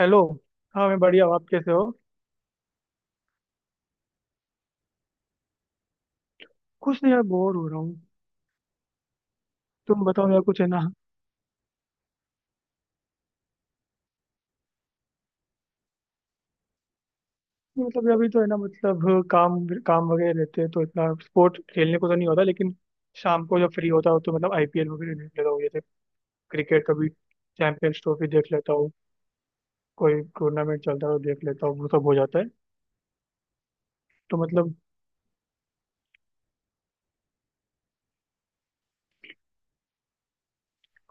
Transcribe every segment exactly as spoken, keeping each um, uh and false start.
Hello. हाँ मैं बढ़िया हूँ। आप कैसे हो? कुछ नहीं यार, बोर हो रहा हूँ। तुम बताओ यार, कुछ है ना। मतलब अभी तो है ना, मतलब काम काम वगैरह रहते हैं, तो इतना स्पोर्ट खेलने को तो नहीं होता। लेकिन शाम को जब फ्री होता हो तो मतलब आईपीएल वगैरह देख लेता हूँ। जैसे क्रिकेट, कभी चैंपियंस ट्रॉफी देख लेता हूँ। कोई टूर्नामेंट चलता है तो देख लेता हूँ, वो सब हो जाता है। तो मतलब।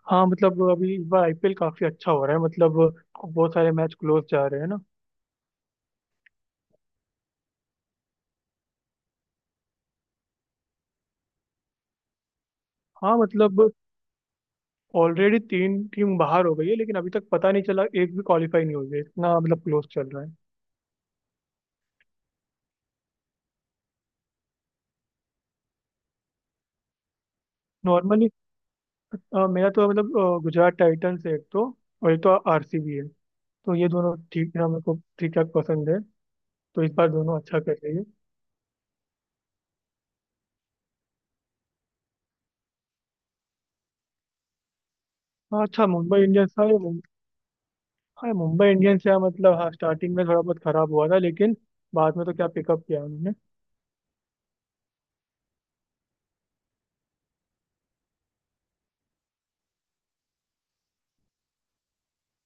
हाँ मतलब, अभी इस बार आईपीएल काफी अच्छा हो रहा है। मतलब बहुत सारे मैच क्लोज जा रहे हैं ना। हाँ मतलब, ऑलरेडी तीन टीम बाहर हो गई है, लेकिन अभी तक पता नहीं चला, एक भी क्वालिफाई नहीं हुई है। इतना मतलब क्लोज चल रहा है। नॉर्मली मेरा तो मतलब अ, गुजरात टाइटंस है एक तो, और एक तो आरसीबी है। तो ये दोनों ठीक है, मेरे को ठीक ठाक पसंद है। तो इस बार दोनों अच्छा कर रही है। हाँ अच्छा, मुंबई इंडियंस, हाँ ये मुं- हाँ मुंबई इंडियंस है मतलब। हाँ स्टार्टिंग में थोड़ा बहुत खराब हुआ था, लेकिन बाद में तो क्या पिकअप किया उन्होंने।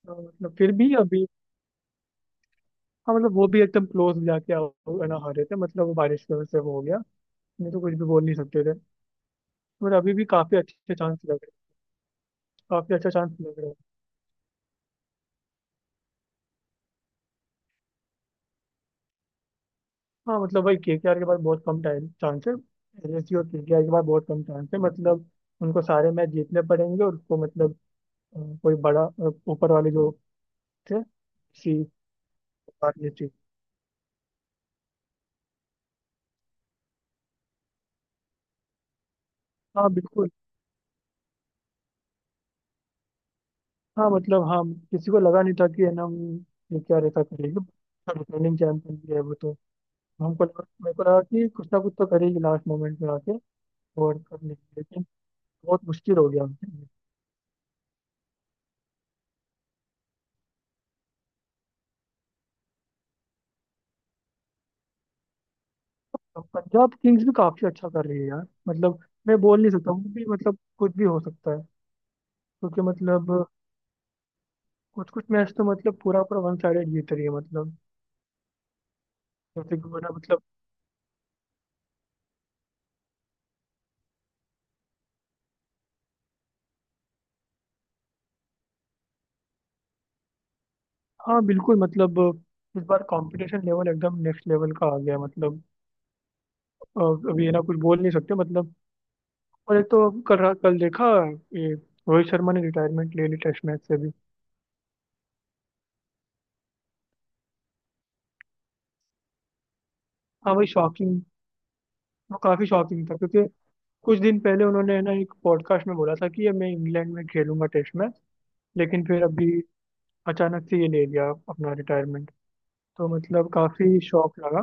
अ, मतलब फिर भी अभी हाँ मतलब, वो भी एकदम क्लोज जाके आ- ना हारे थे मतलब। वो बारिश की वजह से वो हो गया, नहीं तो कुछ भी बोल नहीं सकते थे। बट अभी भी काफी अच्छे चांस लग रहे हैं। काफी अच्छा चांस लग रहे हैं। हाँ मतलब, भाई केकेआर के पास बहुत कम टाइम चांस है। एलएसयू और केकेआर के पास बहुत कम चांस है। मतलब उनको सारे मैच जीतने पड़ेंगे और उसको मतलब, अ, कोई बड़ा अ, ऊपर वाले जो थे। सी ये चीज। हाँ बिल्कुल, हाँ मतलब, हाँ किसी को लगा नहीं था कि है ना, केकेआर ऐसा करेगी। रिटर्निंग चैंपियन भी है वो तो। हमको लगा मेरे को लगा कि कुछ ना कुछ तो करेगी लास्ट मोमेंट में आके, और कर लेगी। लेकिन बहुत मुश्किल हो गया। पंजाब किंग्स भी काफी अच्छा कर रही है यार, मतलब मैं बोल नहीं सकता, वो भी मतलब कुछ भी हो सकता है, क्योंकि मतलब कुछ कुछ मैच तो मतलब पूरा पूरा वन साइडेड जीत रही है मतलब। जैसे कि वो ना, मतलब। हाँ बिल्कुल मतलब, इस बार कंपटीशन लेवल एकदम नेक्स्ट लेवल का आ गया है, मतलब अ, अभी ये ना कुछ बोल नहीं सकते मतलब। और एक तो कल रा- कल देखा, ये रोहित शर्मा ने रिटायरमेंट ले ली टेस्ट मैच से भी। हाँ वही शॉकिंग, वो काफी शॉकिंग था। क्योंकि कुछ दिन पहले उन्होंने ना, एक पॉडकास्ट में बोला था कि ये मैं इंग्लैंड में खेलूंगा टेस्ट मैच। लेकिन फिर अभी अचानक से ये ले लिया अपना रिटायरमेंट। तो मतलब काफी शॉक लगा।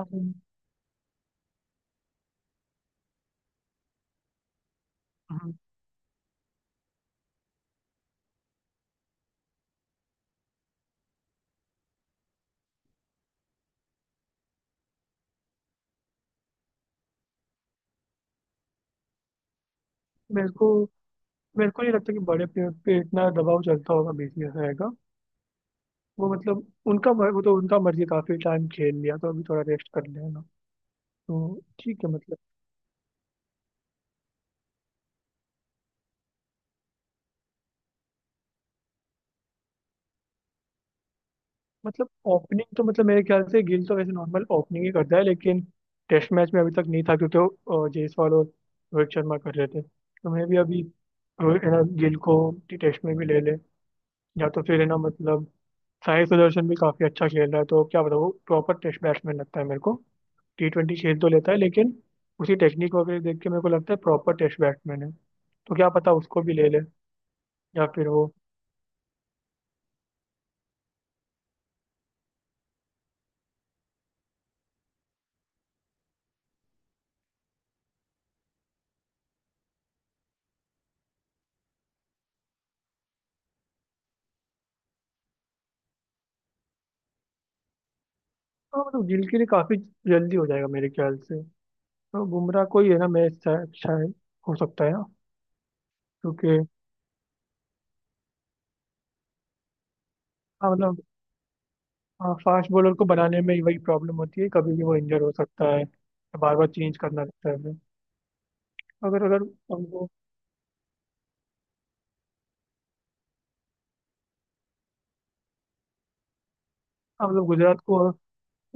हम्म, हम्म। मेरे को मेरे को नहीं लगता कि बड़े पे, पे इतना दबाव चलता होगा, बीसीएसआई का आएगा। वो मतलब उनका मर- वो तो उनका मर्जी, काफी टाइम खेल लिया तो अभी थोड़ा रेस्ट कर लेना तो ठीक है मतलब। मतलब ओपनिंग तो मतलब मेरे ख्याल से गिल तो वैसे नॉर्मल ओपनिंग ही करता है, लेकिन टेस्ट मैच में अभी तक नहीं था क्योंकि वो, अ, जायसवाल और रोहित शर्मा कर रहे थे। तो मैं भी अभी रोहित- अ, गिल को टेस्ट में भी ले ले। या तो फिर है ना मतलब, साई सुदर्शन भी काफी अच्छा खेल रहा है, तो क्या बताऊँ, प्रॉपर टेस्ट बैट्समैन लगता है मेरे को। टी ट्वेंटी खेल तो लेता है, लेकिन उसी टेक्निक वगैरह देख के मेरे को लगता है प्रॉपर टेस्ट बैट्समैन है। तो क्या पता उसको भी ले ले। या फिर वो। हाँ मतलब गिल के लिए काफी जल्दी हो जाएगा मेरे ख्याल से। तो बुमराह को ही है ना मैच, शायद शायद हो सकता है ना। क्योंकि हाँ मतलब, हाँ फास्ट बॉलर को बनाने में ही वही प्रॉब्लम होती है, कभी भी वो इंजर हो सकता है। बार बार चेंज करना रहता है हमें। अगर अगर हमको। हाँ मतलब गुजरात को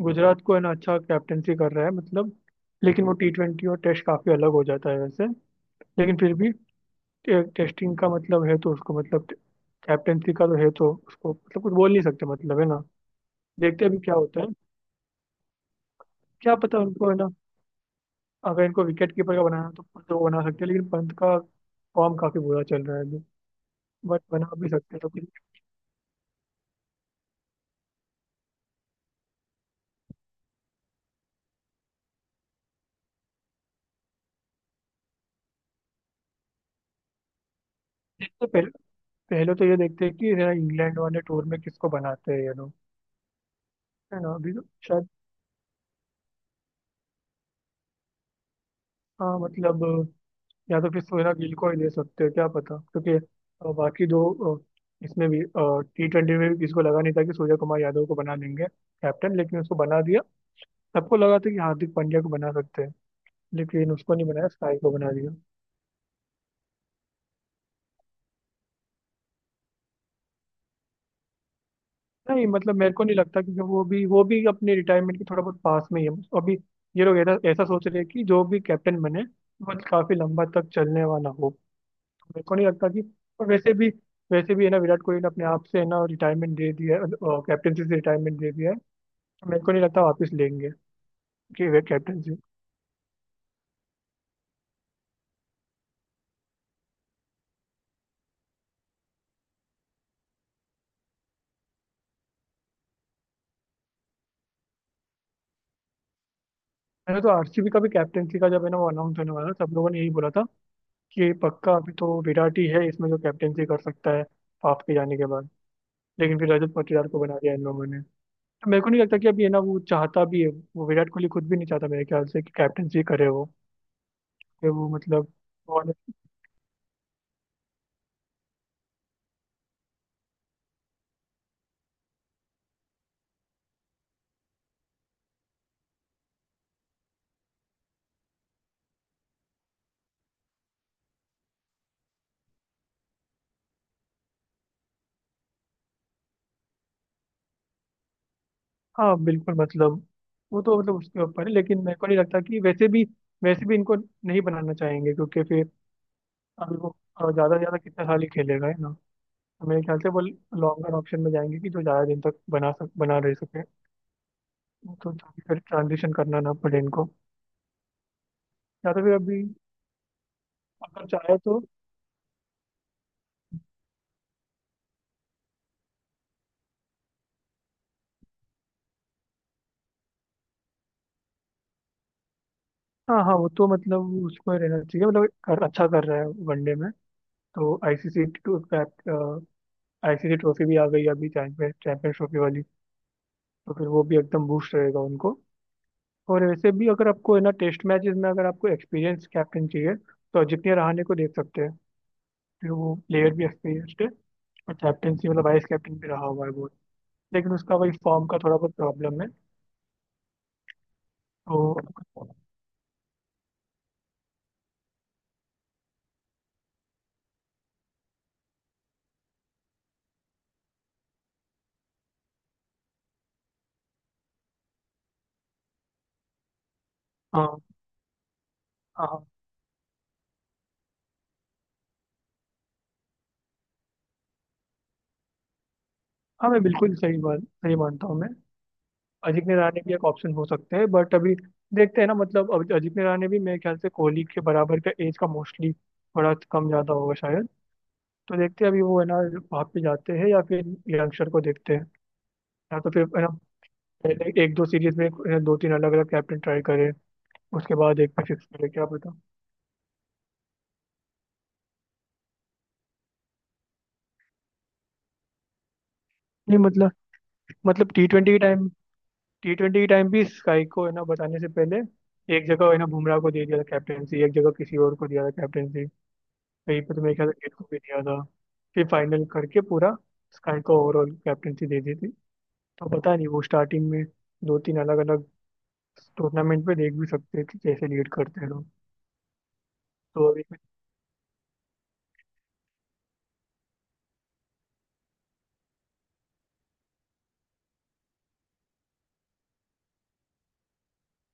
गुजरात को है ना अच्छा कैप्टेंसी कर रहा है मतलब। लेकिन वो टी ट्वेंटी और टेस्ट काफी अलग हो जाता है वैसे। लेकिन फिर भी टे, टेस्टिंग का मतलब है तो उसको मतलब, कैप्टेंसी का तो है तो उसको मतलब कुछ बोल नहीं सकते मतलब, है ना। देखते हैं अभी क्या होता है। क्या पता, उनको है ना। अगर इनको विकेट कीपर का बनाना है तो पंत को बना सकते हैं, लेकिन पंत का फॉर्म काफी बुरा चल रहा है अभी। बट बना भी सकते हैं तो फिर। देखते हैं, पहले पहले तो ये देखते हैं कि है ना, इंग्लैंड वाले टूर में किसको बनाते हैं ये लोग। है ना अभी तो शायद, हाँ मतलब, या तो फिर सोहेल गिल को ही दे सकते हो, क्या पता क्योंकि अ, बाकी दो अ, इसमें भी टी ट्वेंटी में भी किसी को लगा नहीं था कि सूर्य कुमार यादव को बना देंगे कैप्टन, लेकिन उसको बना दिया। सबको लगा था कि हार्दिक पांड्या को बना सकते हैं, लेकिन उसको नहीं बनाया, साई को बना दिया। नहीं मतलब मेरे को नहीं लगता, क्योंकि वो भी वो भी अपने रिटायरमेंट के थोड़ा बहुत पास में ही है अभी। ये लोग ऐसा ऐसा सोच रहे हैं कि जो भी कैप्टन बने वो काफी लंबा तक चलने वाला हो, मेरे को नहीं लगता कि। और वैसे भी, वैसे भी है ना विराट कोहली ने अपने आप से है ना रिटायरमेंट दे दिया है, कैप्टनसी से रिटायरमेंट दे दिया है। तो मेरे को नहीं लगता वापस लेंगे, कि वे कैप्टनसी। मैंने तो आरसीबी का भी कैप्टनसी का जब है ना वो अनाउंस होने वाला था, सब लोगों ने यही बोला था कि पक्का अभी तो विराट ही है इसमें जो कैप्टनसी कर सकता है हाफ के जाने के बाद। लेकिन फिर रजत पाटीदार को बना दिया इन लोगों ने। तो मेरे को नहीं लगता कि अभी है ना वो चाहता भी है, वो विराट कोहली खुद भी नहीं चाहता मेरे ख्याल से कि कैप्टनसी करे वो, कि वो मतलब। हाँ बिल्कुल मतलब, वो तो मतलब उसके ऊपर है, लेकिन मेरे को नहीं लगता कि वैसे भी वैसे भी इनको नहीं बनाना चाहेंगे क्योंकि फिर, अभी वो ज़्यादा से ज़्यादा कितना साल ही खेलेगा है ना। तो मेरे ख्याल से वो लॉन्गर ऑप्शन में जाएंगे कि जो ज़्यादा दिन तक बना सक बना रह सके, तो ताकि फिर ट्रांजिशन करना ना पड़े इनको। या तो फिर अभी अगर चाहे तो। हाँ हाँ, वो तो मतलब उसको रहना चाहिए मतलब कर, अच्छा कर रहा है वनडे में। तो आईसीसी टू आईसीसी ट्रॉफी भी आ गई अभी चैंपियन चैंपियंस ट्रॉफी वाली। तो फिर वो भी एकदम बूस्ट रहेगा उनको। और वैसे भी, अगर आपको है ना टेस्ट मैचेस में अगर आपको एक्सपीरियंस कैप्टन चाहिए, तो अजिंक्य रहाणे को देख सकते हैं। फिर वो प्लेयर भी एक्सपीरियंस्ड है, और कैप्टनसी मतलब वाइस कैप्टन भी रहा हुआ है वो। लेकिन उसका वही फॉर्म का थोड़ा बहुत प्रॉब्लम है तो। हाँ हाँ हाँ, मैं बिल्कुल सही बात, सही मानता हूँ मैं। अजिंक्य रहाणे भी एक ऑप्शन हो सकते हैं, बट अभी देखते हैं ना। मतलब अभी अजिंक्य रहाणे भी मेरे ख्याल से कोहली के बराबर का एज का, मोस्टली थोड़ा कम ज़्यादा होगा शायद। तो देखते हैं अभी वो है ना, वहाँ पे जाते हैं या फिर यंगस्टर को देखते हैं। या तो फिर है ना, पहले एक दो सीरीज में दो तीन अलग अलग कैप्टन ट्राई करे, उसके बाद एक पे फिक्स करे, क्या पता। नहीं मतलब, मतलब टी ट्वेंटी के टाइम टी ट्वेंटी के टाइम भी स्काई को है ना बताने से पहले, एक जगह है ना बुमराह को दे दिया था कैप्टनसी, एक जगह किसी और को दिया था कैप्टनसी, कहीं पे तो मेरे ख्याल से गेट को भी दिया था। फिर फाइनल करके पूरा स्काई को ओवरऑल कैप्टनसी दे दी थी। तो पता नहीं, वो स्टार्टिंग में दो तीन अलग अलग टूर्नामेंट में देख भी सकते थे कैसे लीड करते हैं लोग। तो अभी।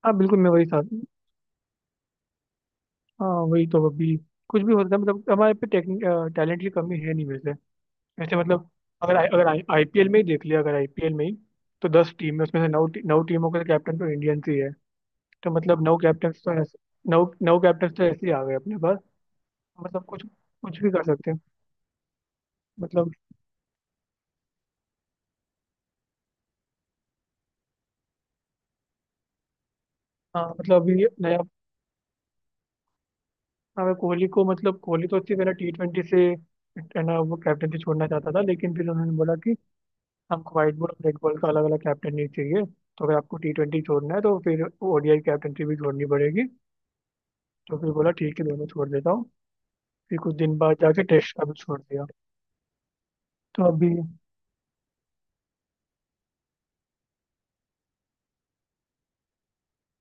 हाँ बिल्कुल मैं वही था। हाँ वही, तो अभी कुछ भी हो सकता है, मतलब हमारे पे टेक्निक, टैलेंट की कमी है नहीं वैसे, ऐसे मतलब। अगर आई- अगर आईपीएल में ही देख लिया, अगर आईपीएल में ही। तो दस टीम है, उसमें से नौ टी- नौ टीमों के कैप्टन तो इंडियंस ही है। तो मतलब नौ कैप्टन तो ऐसे, नौ नौ कैप्टन तो ऐसे ही आ गए अपने पास। मतलब कुछ कुछ भी कर सकते हैं। मतलब हाँ मतलब अभी नया, अगर कोहली को, मतलब कोहली तो अच्छी तरह टी ट्वेंटी से है ना वो कैप्टनसी छोड़ना चाहता था, लेकिन फिर उन्होंने बोला कि हमको व्हाइट बॉल और रेड बॉल का अलग अलग कैप्टन नहीं चाहिए। तो अगर आपको टी ट्वेंटी छोड़ना है तो फिर ओडीआई कैप्टनसी भी छोड़नी पड़ेगी। तो फिर बोला ठीक है, दोनों छोड़ देता हूँ। फिर कुछ दिन बाद जाके टेस्ट का भी छोड़ दिया। तो अभी।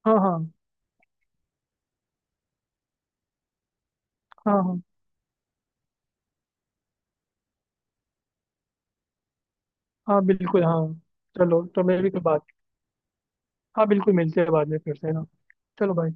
हाँ हाँ हाँ हाँ। हाँ बिल्कुल हाँ। चलो तो मेरी भी कोई बात। हाँ बिल्कुल, मिलते हैं बाद में फिर से ना। चलो भाई।